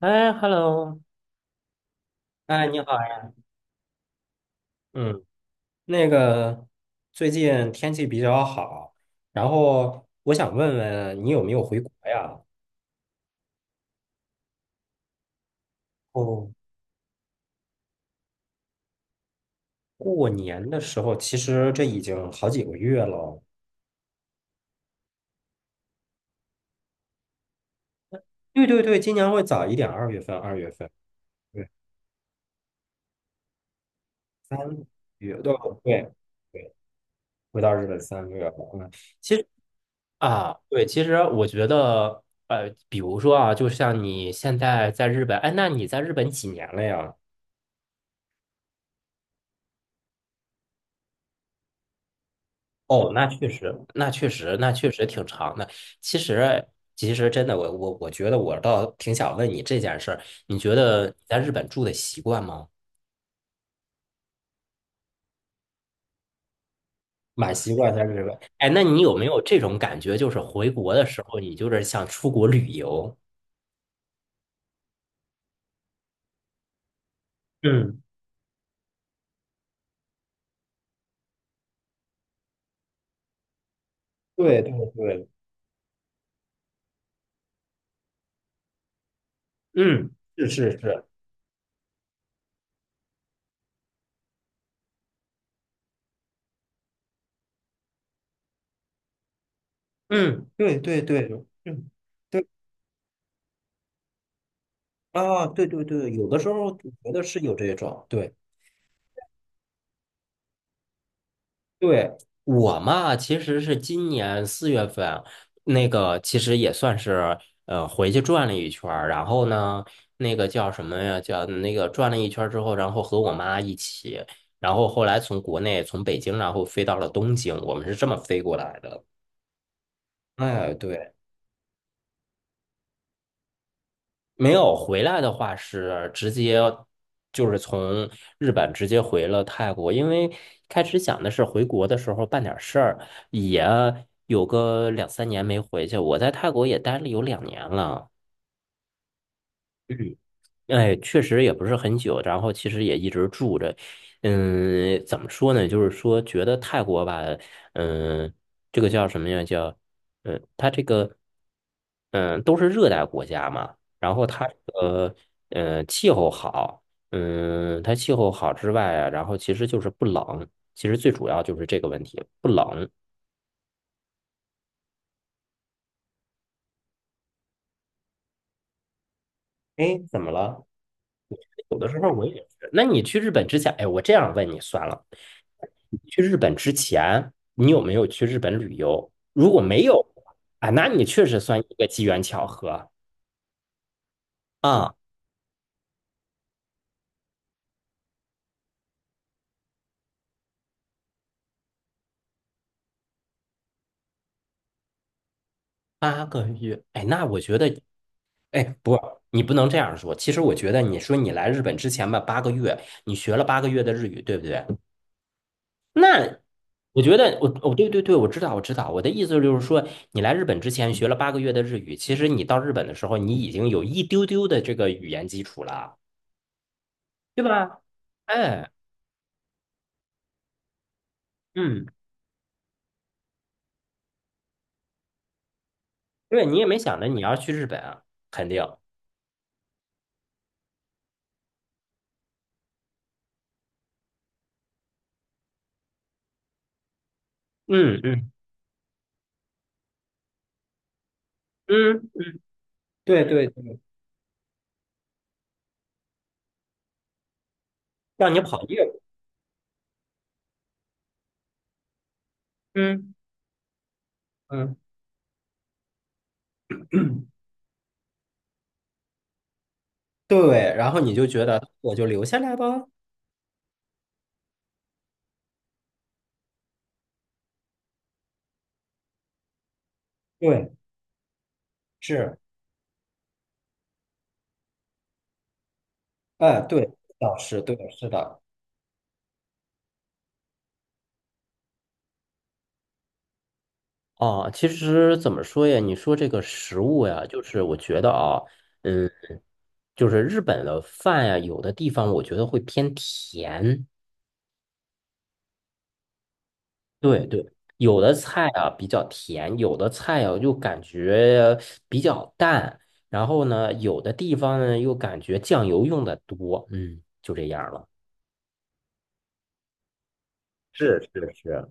哎，hello，哎，你好呀，嗯，那个最近天气比较好，然后我想问问你有没有回国呀？哦，过年的时候，其实这已经好几个月了。对对对，今年会早一点，二月份，二月份，对，3月，对对对回到日本3个月了。嗯，其实啊，对，其实我觉得，比如说啊，就像你现在在日本，哎，那你在日本几年了呀？哦，那确实，那确实，那确实挺长的。其实，其实真的，我觉得我倒挺想问你这件事儿，你觉得你在日本住的习惯吗？蛮习惯在日本。哎，那你有没有这种感觉，就是回国的时候，你就是想出国旅游？嗯，对对对，嗯，是是是，嗯，对对对，嗯，对啊，对对对，有的时候我觉得是有这种，对。对，我嘛，其实是今年4月份，那个其实也算是回去转了一圈儿，然后呢，那个叫什么呀？叫那个转了一圈儿之后，然后和我妈一起，然后后来从国内从北京，然后飞到了东京，我们是这么飞过来的。哎，对。没有回来的话是直接就是从日本直接回了泰国，因为开始想的是回国的时候办点事儿，也有个两三年没回去。我在泰国也待了有2年了。嗯。哎，确实也不是很久，然后其实也一直住着。嗯，怎么说呢？就是说，觉得泰国吧，嗯，这个叫什么呀？叫，嗯，它这个，嗯，都是热带国家嘛。然后它这个，气候好，嗯，它气候好之外啊，然后其实就是不冷。其实最主要就是这个问题，不冷。哎，怎么了？有的时候我也是。那你去日本之前，哎，我这样问你算了。去日本之前，你有没有去日本旅游？如果没有啊，那你确实算一个机缘巧合啊，八个月。哎，那我觉得，哎，不，你不能这样说。其实我觉得，你说你来日本之前吧，八个月，你学了八个月的日语，对不对？那我觉得，我对对对，我知道我知道。我的意思就是说，你来日本之前学了八个月的日语，其实你到日本的时候，你已经有一丢丢的这个语言基础了，对吧？哎，嗯。对，你也没想着你要去日本啊，肯定。嗯嗯嗯嗯，对对对，让你跑业务。嗯嗯，对，然后你就觉得我就留下来吧。对，是，哎，对，老师，对，是的。哦，其实怎么说呀？你说这个食物呀，就是我觉得啊，嗯，就是日本的饭呀，有的地方我觉得会偏甜，对对，有的菜啊比较甜，有的菜啊又感觉比较淡，然后呢，有的地方呢又感觉酱油用的多，嗯，就这样了。是是是，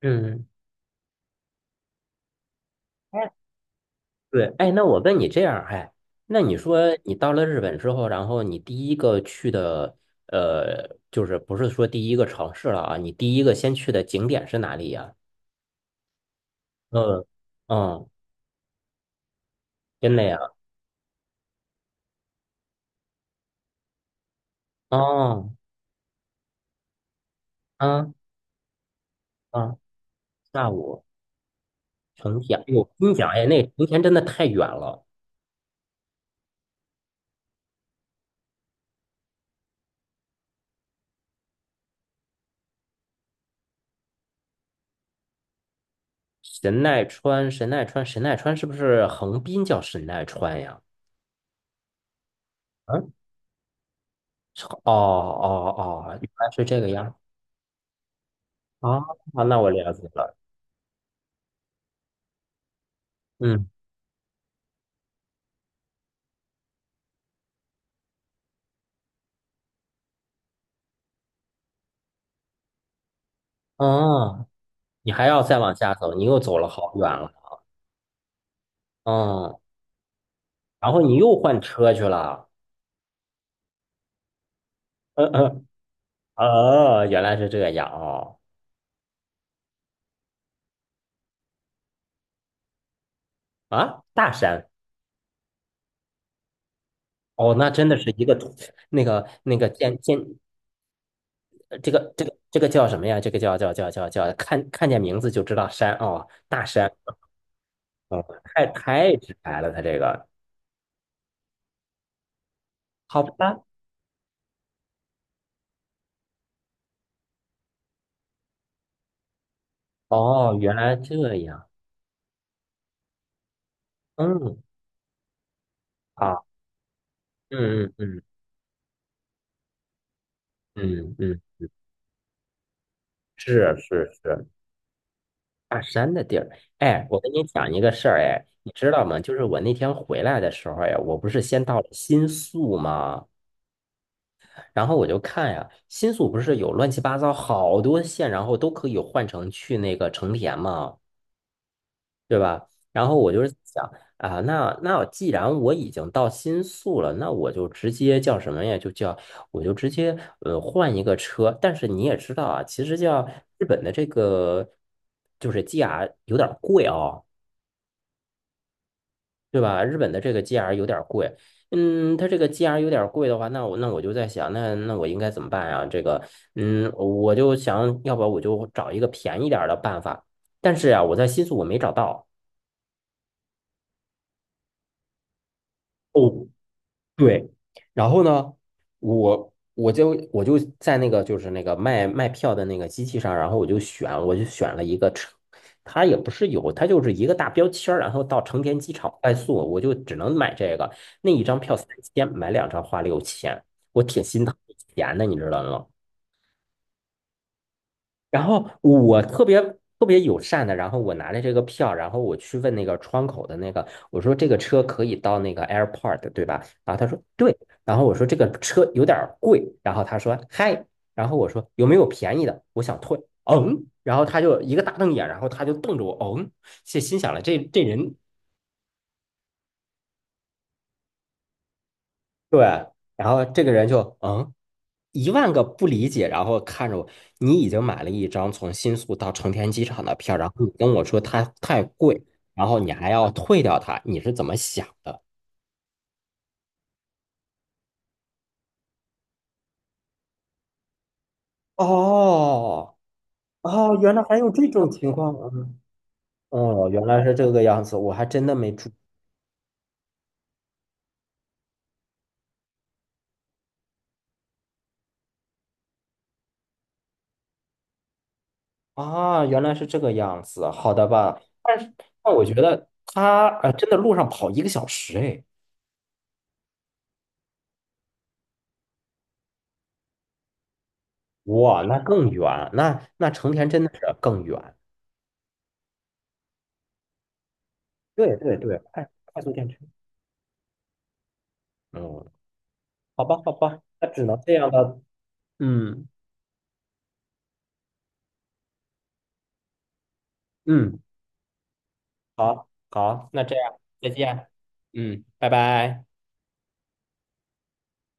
嗯，哎，对，哎，那我问你这样，哎，那你说你到了日本之后，然后你第一个去的，就是不是说第一个城市了啊？你第一个先去的景点是哪里呀？嗯嗯，真的呀？哦，嗯嗯，下午。成田，哎呦，我跟你讲，哎，那个成田真的太远了。神奈川，神奈川，神奈川是不是横滨叫神奈川呀？嗯，是哦哦哦，原来是这个样。啊，那我了解了。嗯，哦，你还要再往下走，你又走了好远了。嗯，然后你又换车去了。嗯嗯，哦，原来是这样哦。啊，大山。哦，那真的是一个土那个那个建建这个这个这个叫什么呀？这个叫，看见名字就知道山哦，大山哦，太直白了，他这个好吧？哦，原来这样，嗯，好，嗯嗯嗯嗯嗯，是是是，大山的地儿。哎，我跟你讲一个事儿，哎，你知道吗？就是我那天回来的时候呀，我不是先到了新宿吗？然后我就看呀，新宿不是有乱七八糟好多线，然后都可以换成去那个成田吗？对吧？然后我就是想啊，那既然我已经到新宿了，那我就直接叫什么呀？我就直接换一个车。但是你也知道啊，其实叫日本的这个就是 GR 有点儿贵哦，对吧？日本的这个 GR 有点儿贵。嗯，它这个 GR 有点儿贵的话，那我就在想，那我应该怎么办呀？这个，嗯，我就想要不我就找一个便宜点儿的办法。但是呀、我在新宿我没找到。哦，对，然后呢，我就在那个就是那个卖票的那个机器上，然后我就选了一个成，它也不是有，它就是一个大标签儿然后到成田机场快速，我就只能买这个，那一张票3000，买两张花6000，我挺心疼钱的，你知道吗？然后我特别特别友善的，然后我拿着这个票，然后我去问那个窗口的那个，我说这个车可以到那个 airport 对吧？然后他说对，然后我说这个车有点贵，然后他说嗨，然后我说有没有便宜的？我想退，嗯，然后他就一个大瞪眼，然后他就瞪着我，嗯，心想了这人对，然后这个人就嗯，一万个不理解，然后看着我，你已经买了一张从新宿到成田机场的票，然后你跟我说它太贵，然后你还要退掉它，你是怎么想的？哦哦，原来还有这种情况啊！哦，原来是这个样子，我还真的没注意啊，原来是这个样子，好的吧？但是，但我觉得他真的路上跑1个小时，哎，哇，那更远，那成田真的是更远。对对对，快速电池。嗯，好吧，好吧，那只能这样了。嗯嗯，好，好，那这样，再见。嗯，拜拜。